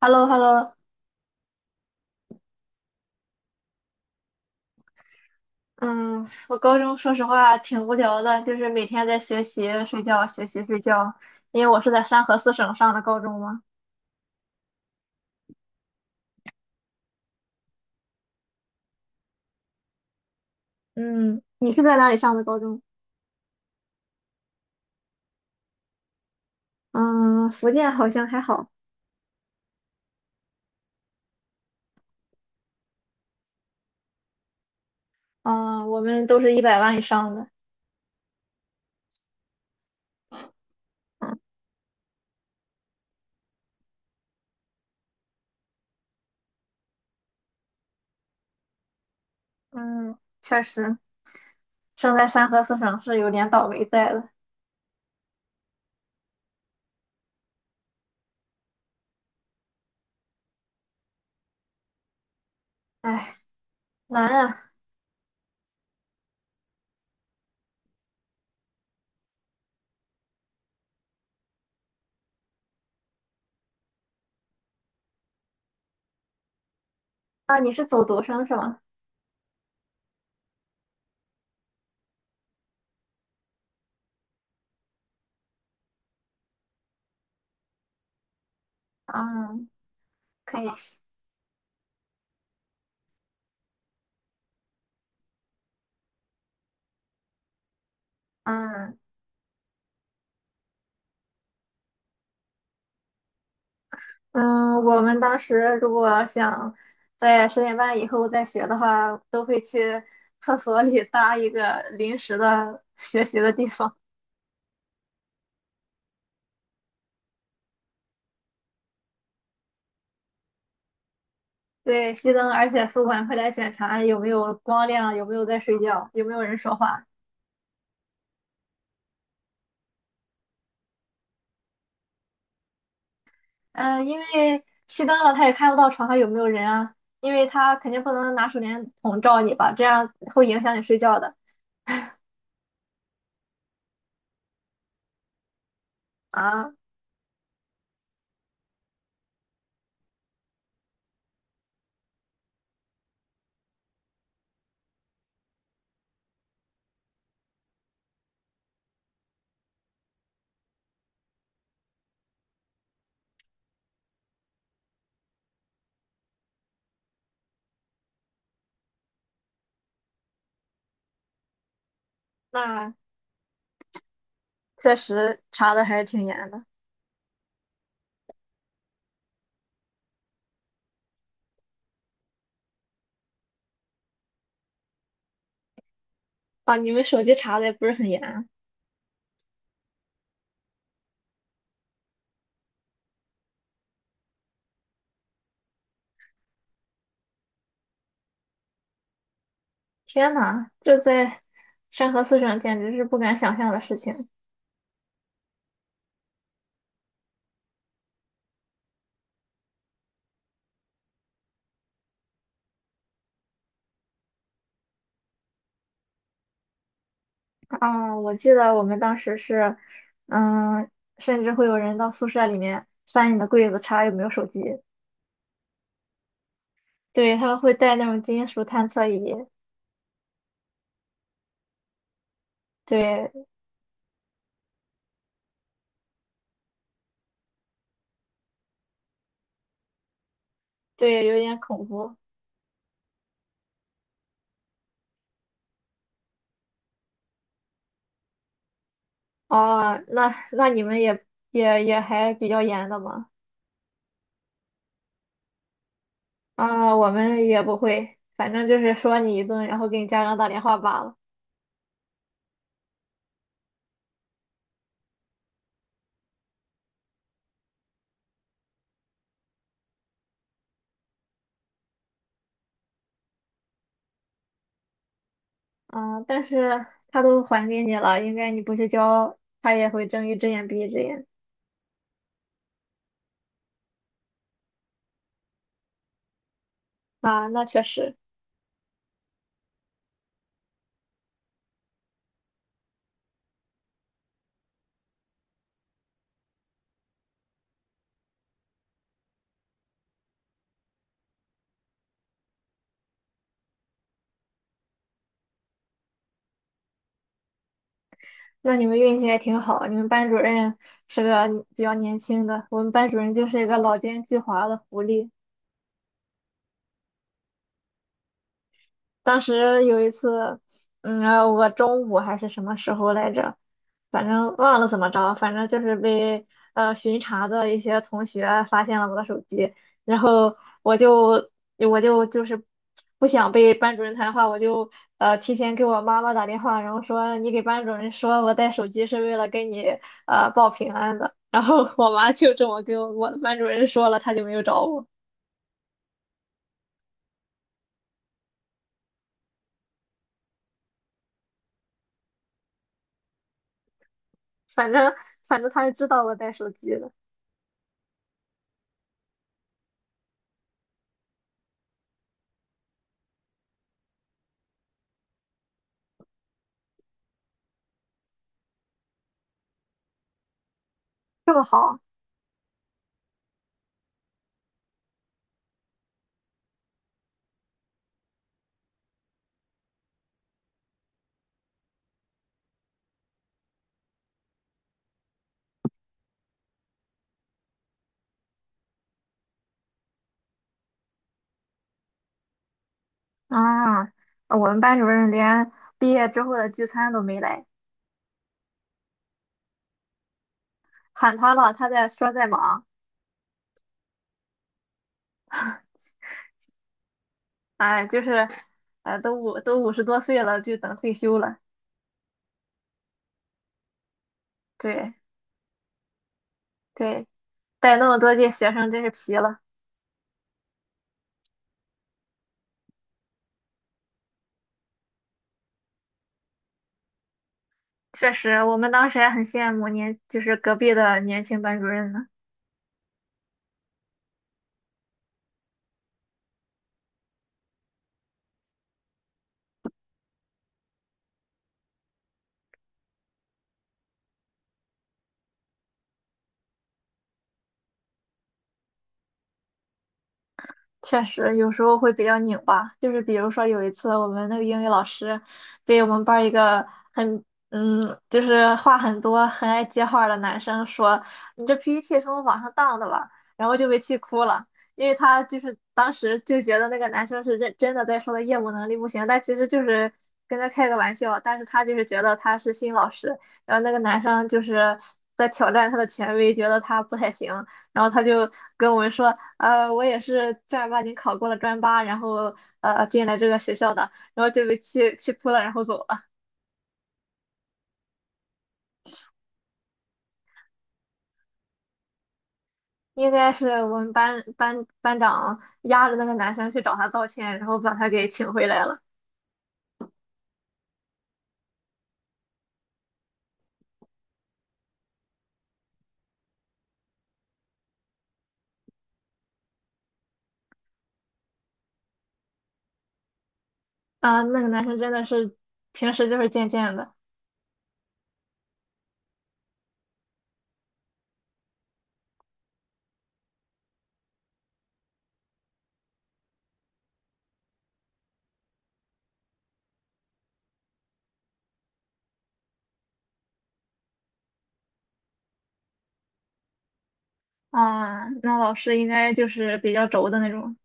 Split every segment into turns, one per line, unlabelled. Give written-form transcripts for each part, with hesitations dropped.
h e l l o h e l l o 嗯，我高中说实话挺无聊的，就是每天在学习、睡觉、学习、睡觉。因为我是在山河四省上的高中嘛。嗯，你是在哪里上的高中？嗯，福建好像还好。嗯，我们都是100万以上的。嗯嗯，确实，生在山河四省是有点倒霉在了。唉，难啊！啊，你是走读生是吗？嗯，可以。嗯，嗯，我们当时如果想在10点半以后再学的话，都会去厕所里搭一个临时的学习的地方。对，熄灯，而且宿管会来检查有没有光亮，有没有在睡觉，有没有人说话。嗯、因为熄灯了，他也看不到床上有没有人啊，因为他肯定不能拿手电筒照你吧，这样会影响你睡觉的啊。那确实查的还是挺严的啊，你们手机查的也不是很严啊。天呐，这在山河四省简直是不敢想象的事情啊！我记得我们当时是，嗯，甚至会有人到宿舍里面翻你的柜子查有没有手机，对，他们会带那种金属探测仪，对对，有点恐怖哦。那你们也还比较严的嘛？啊，我们也不会，反正就是说你一顿，然后给你家长打电话罢了。嗯，但是他都还给你了，应该你不去交，他也会睁一只眼闭一只眼啊。那确实，那你们运气也挺好，你们班主任是个比较年轻的，我们班主任就是一个老奸巨猾的狐狸。当时有一次，嗯，我中午还是什么时候来着，反正忘了怎么着，反正就是被巡查的一些同学发现了我的手机，然后我就不想被班主任谈话，我就提前给我妈妈打电话，然后说你给班主任说我带手机是为了跟你报平安的，然后我妈就这么给我的班主任说了，他就没有找我，反正反正他是知道我带手机的。这么好。啊，我们班主任连毕业之后的聚餐都没来，喊他了，他在说在忙，哎，就是，都50多岁了，就等退休了。对对，带那么多届学生真是皮了。确实，我们当时还很羡慕就是隔壁的年轻班主任呢。确实，有时候会比较拧巴。就是比如说有一次，我们那个英语老师被我们班儿一个很就是话很多、很爱接话儿的男生说："你这 PPT 是从网上当的吧？"然后就被气哭了，因为他就是当时就觉得那个男生是认真的在说他业务能力不行，但其实就是跟他开个玩笑，但是他就是觉得他是新老师，然后那个男生就是在挑战他的权威，觉得他不太行。然后他就跟我们说：我也是正儿八经考过了专八，然后进来这个学校的，然后就被气哭了，然后走了。应该是我们班长压着那个男生去找他道歉，然后把他给请回来了。啊、那个男生真的是平时就是贱贱的啊、那老师应该就是比较轴的那种，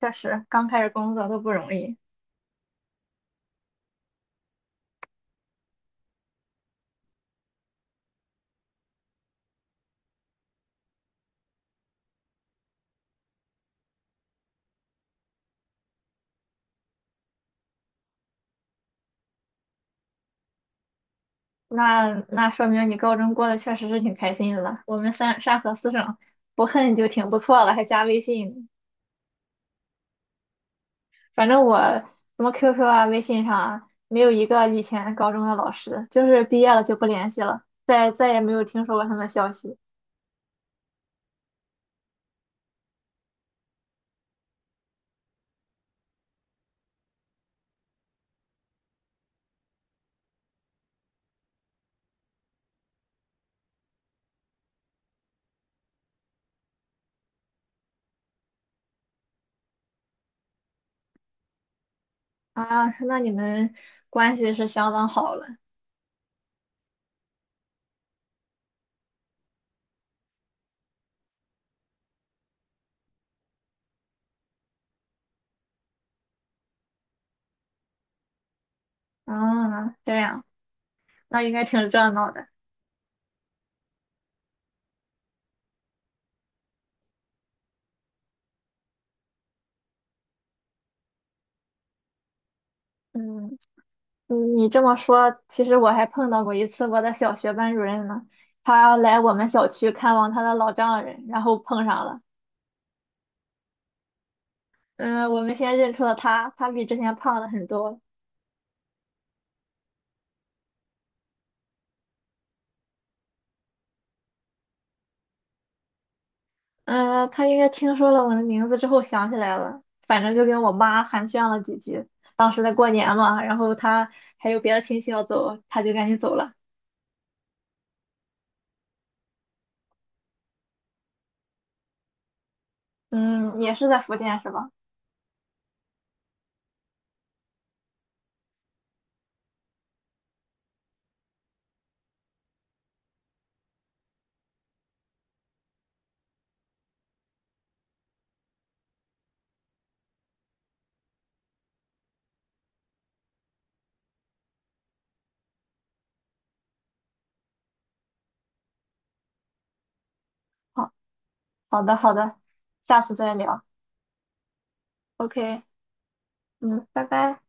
确实刚开始工作都不容易。那说明你高中过得确实是挺开心的了。我们山河四省不恨就挺不错了，还加微信。反正我什么 QQ 啊、微信上啊，没有一个以前高中的老师，就是毕业了就不联系了，再也没有听说过他们消息啊。那你们关系是相当好了，啊，这样，那应该挺热闹的。嗯，你你这么说，其实我还碰到过一次我的小学班主任呢，他来我们小区看望他的老丈人，然后碰上了。嗯，我们先认出了他，他比之前胖了很多，嗯，他应该听说了我的名字之后想起来了，反正就跟我妈寒暄了几句。当时在过年嘛，然后他还有别的亲戚要走，他就赶紧走了。嗯，也是在福建是吧？好，好的，好的，下次再聊。OK，嗯，拜拜。